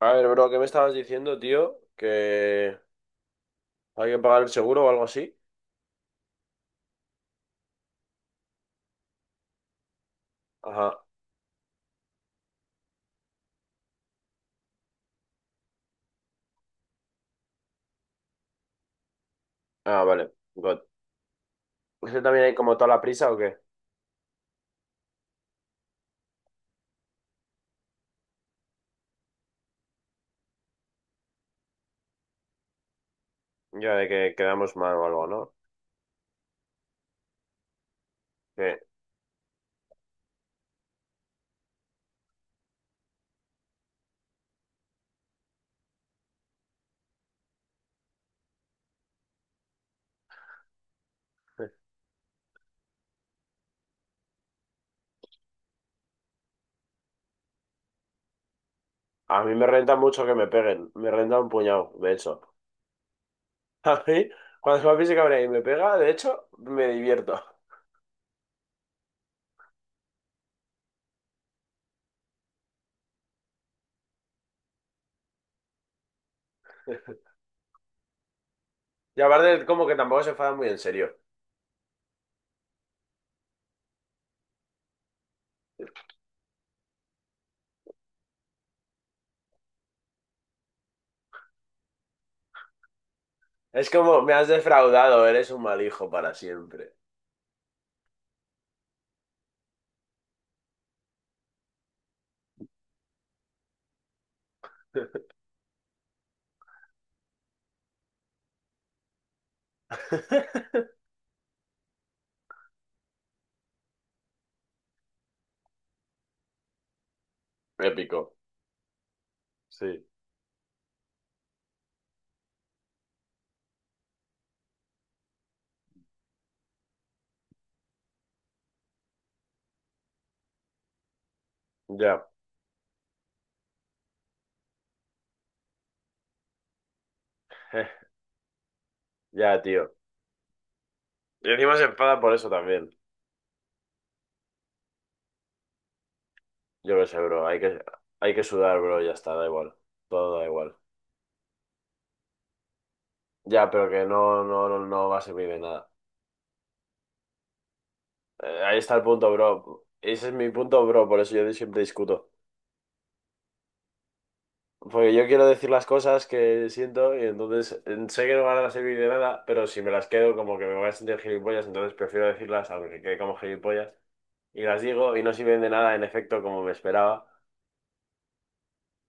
A ver, bro, ¿qué me estabas diciendo, tío? ¿Que hay que pagar el seguro o algo así? Ajá. Ah, vale. God. ¿Usted también hay como toda la prisa o qué? Ya de que quedamos mal o algo, ¿no? Que a mí me renta mucho que me peguen. Me renta un puñado, de hecho. A mí, cuando papi se cabrea y me pega, de hecho, me divierto. Y aparte, como que tampoco se enfada muy en serio. Es como, me has defraudado, eres un mal hijo para siempre. Épico. Sí. Ya. Ya, tío. Y encima se enfada por eso también. Yo qué sé, bro. Hay que sudar, bro. Ya está, da igual. Todo da igual. Ya, pero que no, no, no, no va a servir de nada. Ahí está el punto, bro. Ese es mi punto, bro. Por eso yo siempre discuto. Porque yo quiero decir las cosas que siento y entonces sé que no van a servir de nada, pero si me las quedo como que me voy a sentir gilipollas, entonces prefiero decirlas aunque quede como gilipollas. Y las digo y no sirven de nada, en efecto, como me esperaba.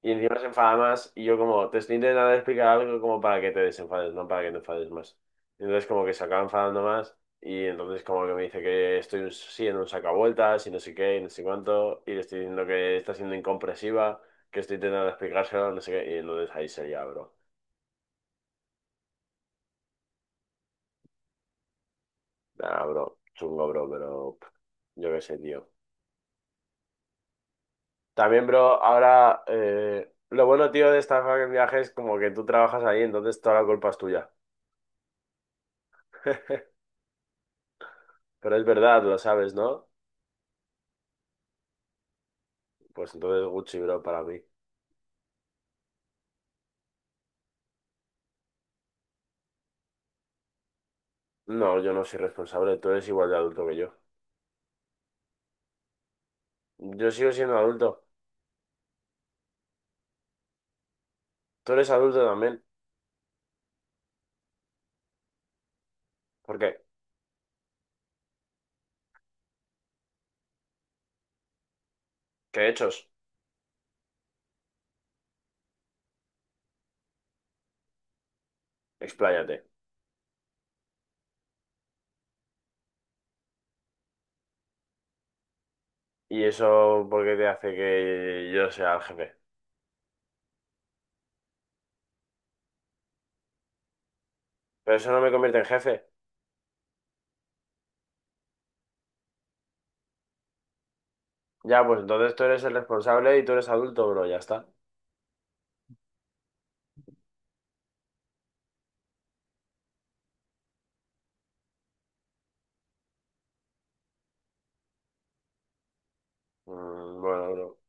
Y encima se enfada más. Y yo como, te estoy intentando explicar algo como para que te desenfades, no para que te enfades más. Y entonces como que se acaba enfadando más. Y entonces como que me dice que siendo un sacavueltas y no sé qué y no sé cuánto. Y le estoy diciendo que está siendo incomprensiva, que estoy intentando explicárselo, no sé qué. Y entonces ahí sería, bro. Nah, bro. Chungo, bro, pero pff, yo qué sé, tío. También, bro, ahora... lo bueno, tío, de esta fucking viaje es como que tú trabajas ahí, entonces toda la culpa es tuya. Pero es verdad, lo sabes, ¿no? Pues entonces Gucci Bro para mí. No, yo no soy responsable, tú eres igual de adulto que yo. Yo sigo siendo adulto. Tú eres adulto también. ¿Por qué? ¿Qué hechos? Expláyate. ¿Y eso por qué te hace que yo sea el jefe? Pero eso no me convierte en jefe. Ya, pues entonces tú eres el responsable y tú eres adulto, bro, ya está. Mm, bueno, bro.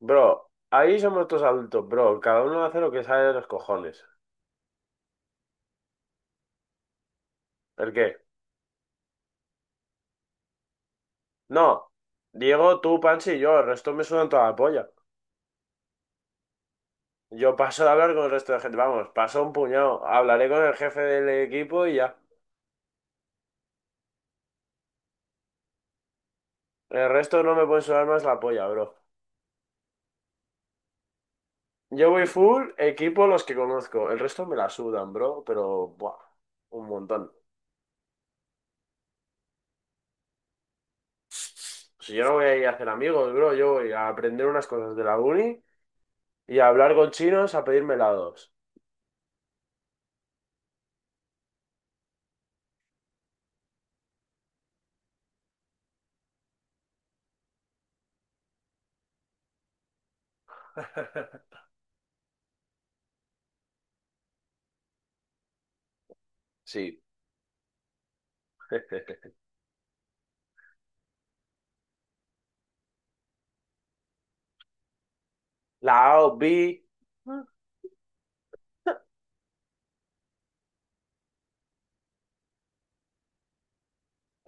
Bro, ahí somos todos adultos, bro. Cada uno hace lo que sale de los cojones. ¿El qué? No. Diego, tú, Panchi y yo, el resto me sudan toda la polla. Yo paso de hablar con el resto de gente, vamos, paso un puñado. Hablaré con el jefe del equipo y ya. El resto no me puede sudar más la polla, bro. Yo voy full equipo los que conozco. El resto me la sudan, bro, pero buah, un montón. Si yo no voy a ir a hacer amigos, bro, yo voy a aprender unas cosas de la uni y a hablar con chinos a pedirme helados. Sí. Lao bi,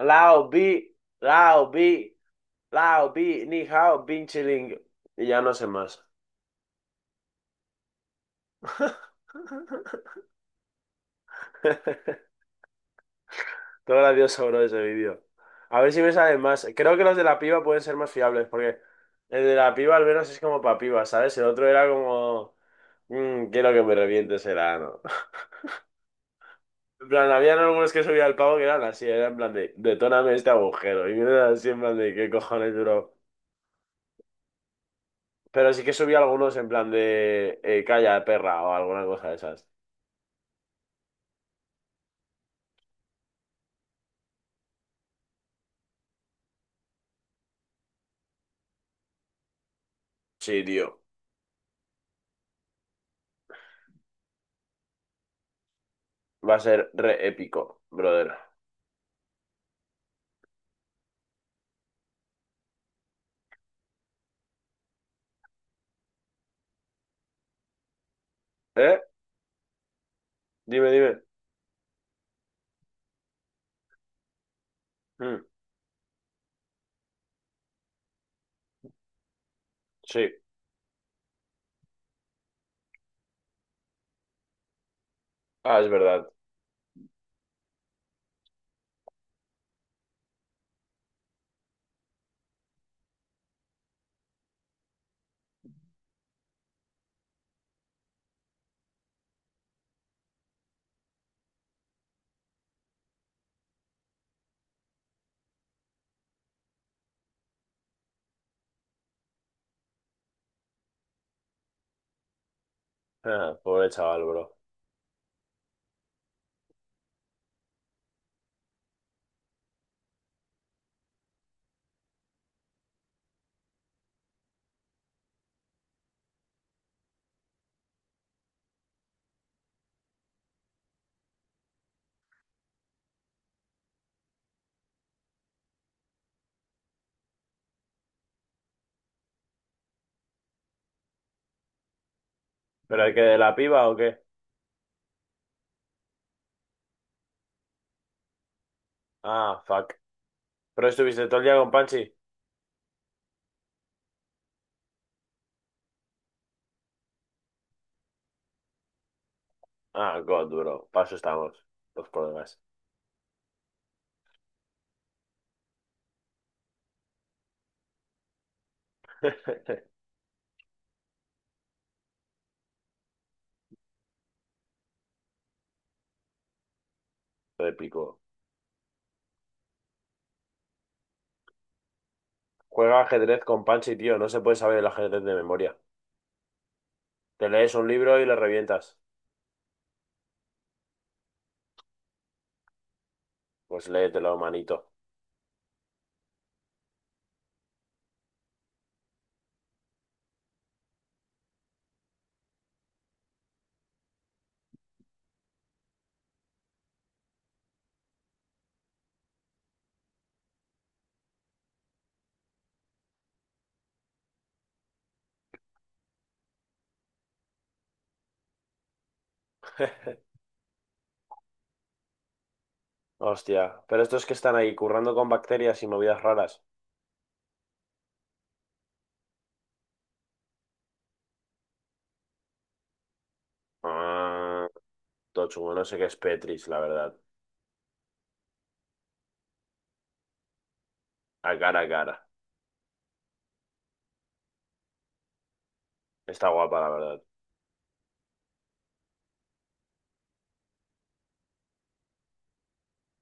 lao bi, lao bi, lao bi, ni hao, bin chiling. Y ya no sé más. Todo gracioso, bro, ese vídeo. A ver si me salen más. Creo que los de la piba pueden ser más fiables, porque el de la piba al menos es como pa' piba, ¿sabes? El otro era como, "Mm, quiero que me revientes el ano. En plan, habían algunos que subía el pavo que eran así, era en plan de, detóname este agujero. Y eran así en plan de, ¿qué cojones, bro? Pero sí que subía algunos en plan de, calla, perra, o alguna cosa de esas. Sí, tío. Va a ser re épico, brother. ¿Eh? Dime, dime. Mm, sí. Ah, es verdad. Ah, pobre chaval, bro. ¿Pero el que de la piba o qué? Ah, fuck. ¿Pero estuviste todo el día con Panchi? Ah, God, bro. Paso estamos. Los problemas. Lo De pico. Juega ajedrez con Panchi, tío. No se puede saber el ajedrez de memoria. Te lees un libro y le revientas. Pues léetelo, manito. Hostia. Pero estos que están ahí currando con bacterias y movidas raras. Ah, todo chungo. No sé qué es Petris, la verdad. A cara a cara. Está guapa, la verdad.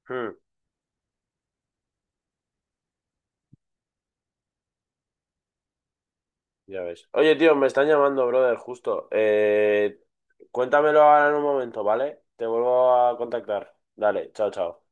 Hmm. Ya ves. Oye, tío, me están llamando, brother, justo. Cuéntamelo ahora en un momento, ¿vale? Te vuelvo a contactar. Dale, chao, chao.